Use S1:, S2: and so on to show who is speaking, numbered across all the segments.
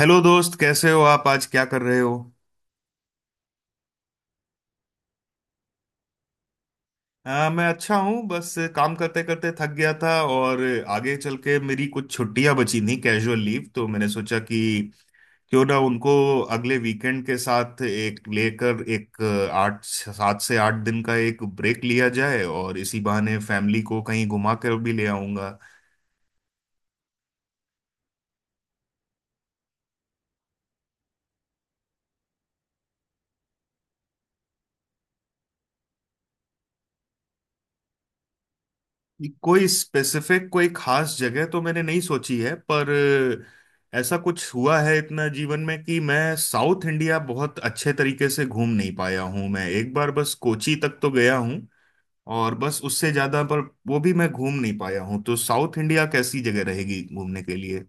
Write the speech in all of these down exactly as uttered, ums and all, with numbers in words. S1: Hello दोस्त, कैसे हो आप? आज क्या कर रहे हो? आ, मैं अच्छा हूँ। बस काम करते करते थक गया था, और आगे चल के मेरी कुछ छुट्टियां बची थी, कैजुअल लीव, तो मैंने सोचा कि क्यों ना उनको अगले वीकेंड के साथ एक लेकर एक आठ सात से आठ दिन का एक ब्रेक लिया जाए, और इसी बहाने फैमिली को कहीं घुमा कर भी ले आऊंगा। कोई स्पेसिफिक, कोई खास जगह तो मैंने नहीं सोची है, पर अ, ऐसा कुछ हुआ है इतना जीवन में कि मैं साउथ इंडिया बहुत अच्छे तरीके से घूम नहीं पाया हूँ। मैं एक बार बस कोची तक तो गया हूँ, और बस उससे ज्यादा पर वो भी मैं घूम नहीं पाया हूँ। तो साउथ इंडिया कैसी जगह रहेगी घूमने के लिए?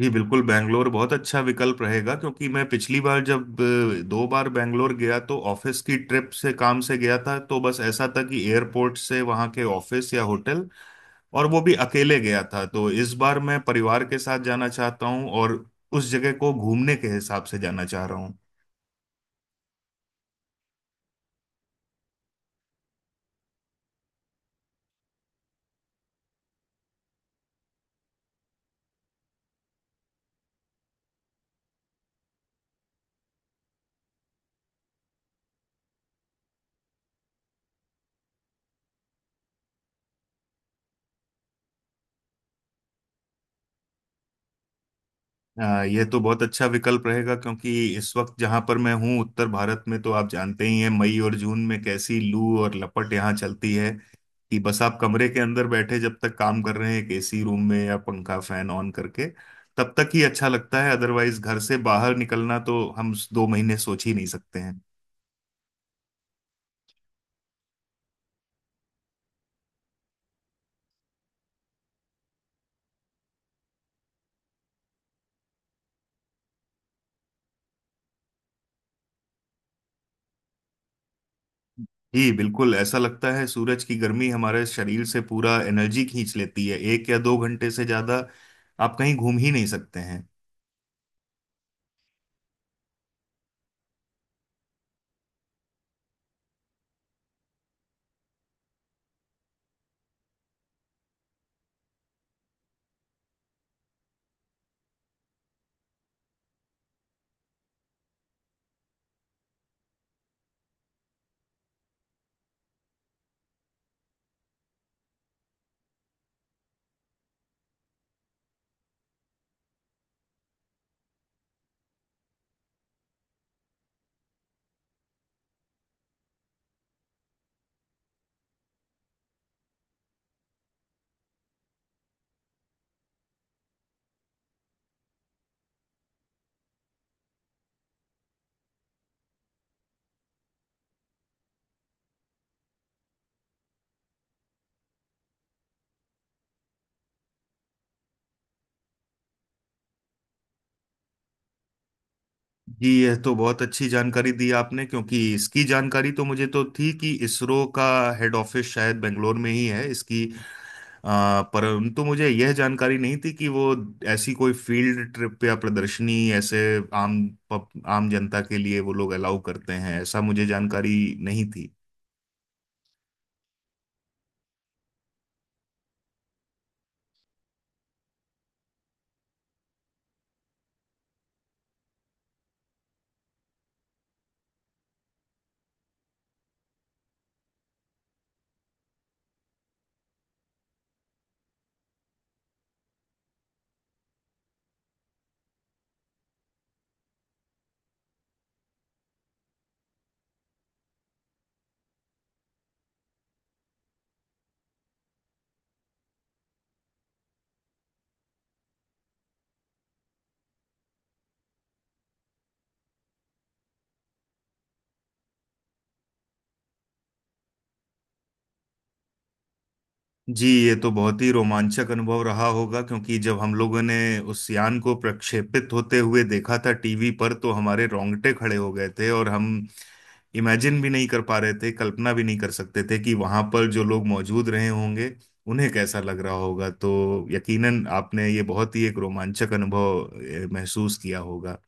S1: जी बिल्कुल, बैंगलोर बहुत अच्छा विकल्प रहेगा क्योंकि मैं पिछली बार जब अ, दो बार बैंगलोर गया तो ऑफिस की ट्रिप से, काम से गया था। तो बस ऐसा था कि एयरपोर्ट से वहाँ के ऑफिस या होटल, और वो भी अकेले गया था। तो इस बार मैं परिवार के साथ जाना चाहता हूँ, और उस जगह को घूमने के हिसाब से जाना चाह रहा हूँ। अ, ये तो बहुत अच्छा विकल्प रहेगा, क्योंकि इस वक्त जहां पर मैं हूँ उत्तर भारत में, तो आप जानते ही हैं मई और जून में कैसी लू और लपट यहाँ चलती है। कि बस आप कमरे के अंदर बैठे जब तक काम कर रहे हैं एक एसी रूम में या पंखा, फैन ऑन करके, तब तक ही अच्छा लगता है। अदरवाइज घर से बाहर निकलना तो हम दो महीने सोच ही नहीं सकते। जी बिल्कुल। ऐसा लगता है सूरज की गर्मी हमारे शरीर से पूरा एनर्जी खींच लेती है। एक या दो घंटे से ज्यादा आप कहीं घूम ही नहीं सकते हैं। जी, यह तो बहुत अच्छी जानकारी दी आपने, क्योंकि इसकी जानकारी तो मुझे तो थी कि इसरो का हेड ऑफिस शायद बेंगलोर में ही है। इसकी आ, परंतु मुझे यह जानकारी नहीं थी कि वो ऐसी कोई फील्ड ट्रिप या प्रदर्शनी ऐसे आम आम जनता के लिए वो लोग अलाउ करते हैं। ऐसा मुझे जानकारी नहीं थी। जी, ये तो बहुत ही रोमांचक अनुभव रहा होगा, क्योंकि जब हम लोगों ने उस यान को प्रक्षेपित होते हुए देखा था टीवी पर, तो हमारे रोंगटे खड़े हो गए थे। और हम इमेजिन भी नहीं कर पा रहे थे, कल्पना भी नहीं कर सकते थे कि वहां पर जो लोग मौजूद रहे होंगे उन्हें कैसा लग रहा होगा। तो यकीनन आपने ये बहुत ही एक रोमांचक अनुभव ए, महसूस किया होगा।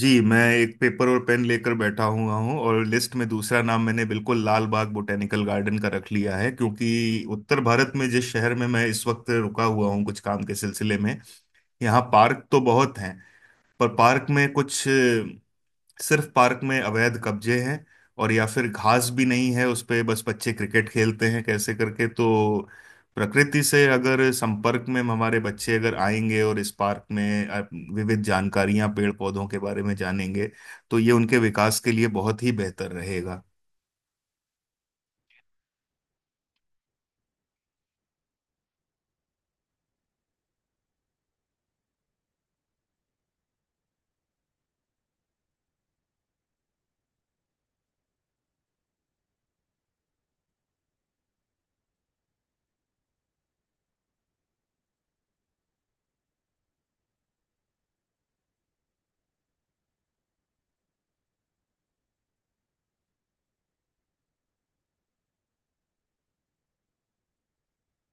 S1: जी, मैं एक पेपर और पेन लेकर बैठा हुआ हूँ, और लिस्ट में दूसरा नाम मैंने बिल्कुल लाल बाग बॉटेनिकल गार्डन का रख लिया है। क्योंकि उत्तर भारत में जिस शहर में मैं इस वक्त रुका हुआ हूँ कुछ काम के सिलसिले में, यहाँ पार्क तो बहुत हैं। पर पार्क में कुछ सिर्फ पार्क में अवैध कब्जे हैं, और या फिर घास भी नहीं है उस पे, बस बच्चे क्रिकेट खेलते हैं कैसे करके। तो प्रकृति से अगर संपर्क में हमारे बच्चे अगर आएंगे, और इस पार्क में अ, विविध जानकारियां पेड़ पौधों के बारे में जानेंगे, तो ये उनके विकास के लिए बहुत ही बेहतर रहेगा।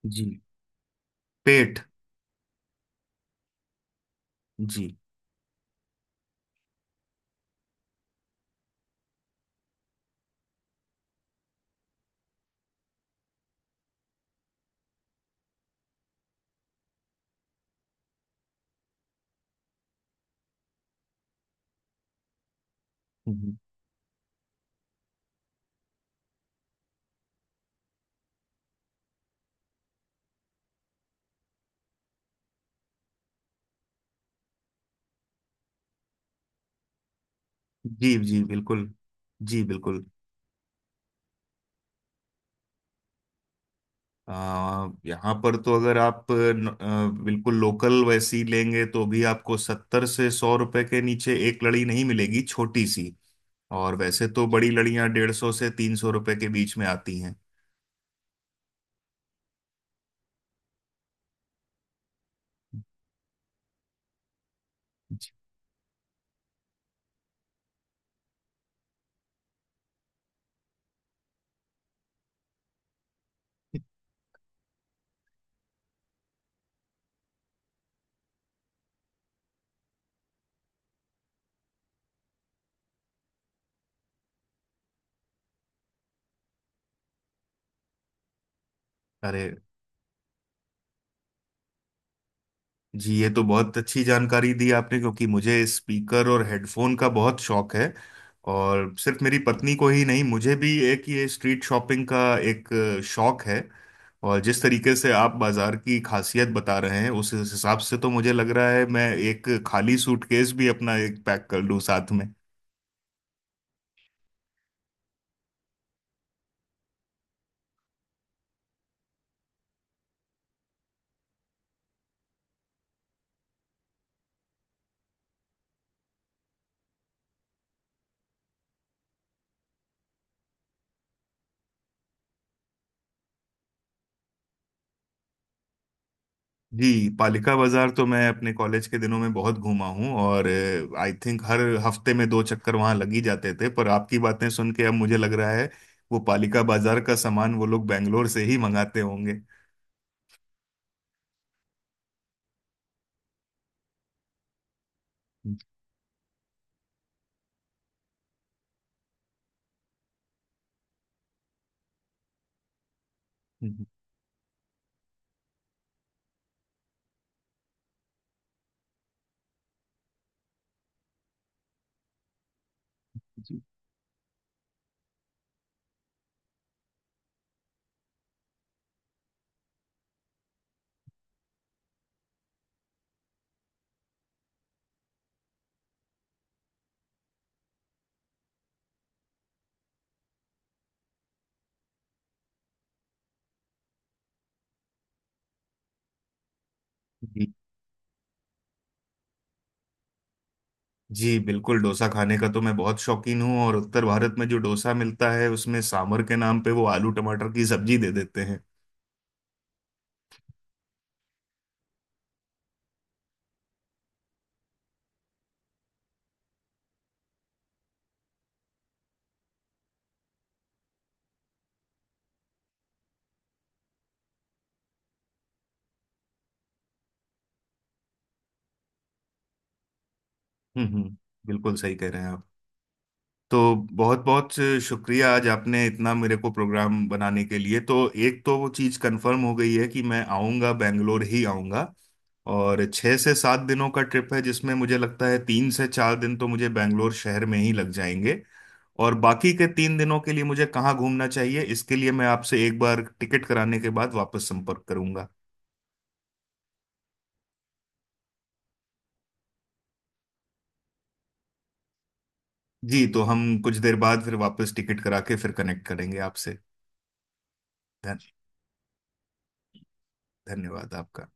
S1: जी। पेट। जी। हम्म। जी। जी बिल्कुल। जी बिल्कुल। आ, यहाँ पर तो अगर आप न- आ, बिल्कुल लोकल वैसी लेंगे, तो भी आपको सत्तर से सौ रुपए के नीचे एक लड़ी नहीं मिलेगी, छोटी सी। और वैसे तो बड़ी लड़ियाँ डेढ़ सौ से तीन सौ रुपए के बीच में आती हैं। अरे। जी, ये तो बहुत अच्छी जानकारी दी आपने, क्योंकि मुझे स्पीकर और हेडफोन का बहुत शौक है। और सिर्फ मेरी पत्नी को ही नहीं, मुझे भी एक ये स्ट्रीट शॉपिंग का एक अ, शौक है। और जिस तरीके से आप बाजार की खासियत बता रहे हैं, उस हिसाब से तो मुझे लग रहा है मैं एक खाली सूटकेस भी अपना एक पैक कर लूं साथ। जी, पालिका बाजार तो मैं अपने कॉलेज के दिनों में बहुत घूमा हूँ, और आई थिंक हर हफ्ते में दो चक्कर वहां लग ही जाते थे। पर आपकी बातें सुन के अब मुझे लग रहा है वो पालिका बाजार का सामान वो लोग बैंगलोर से ही मंगाते होंगे। जी। जी। जी, बिल्कुल। डोसा खाने का तो मैं बहुत शौकीन हूँ, और उत्तर भारत में जो डोसा मिलता है उसमें सांभर के नाम पे वो आलू टमाटर की सब्जी दे देते हैं। हम्म। हम्म। बिल्कुल सही कह रहे हैं आप। तो बहुत बहुत शुक्रिया, आज आपने इतना मेरे को प्रोग्राम बनाने के लिए। तो एक तो वो चीज़ कंफर्म हो गई है कि मैं आऊँगा, बेंगलोर ही आऊँगा। और छः से सात दिनों का ट्रिप है, जिसमें मुझे लगता है तीन से चार दिन तो मुझे बेंगलोर शहर में ही लग जाएंगे। और बाकी के तीन दिनों के लिए मुझे कहाँ घूमना चाहिए, इसके लिए मैं आपसे एक बार टिकट कराने के बाद वापस संपर्क करूंगा। जी, तो हम कुछ देर बाद फिर वापस टिकट करा के फिर कनेक्ट करेंगे आपसे। धन- धन्यवाद आपका।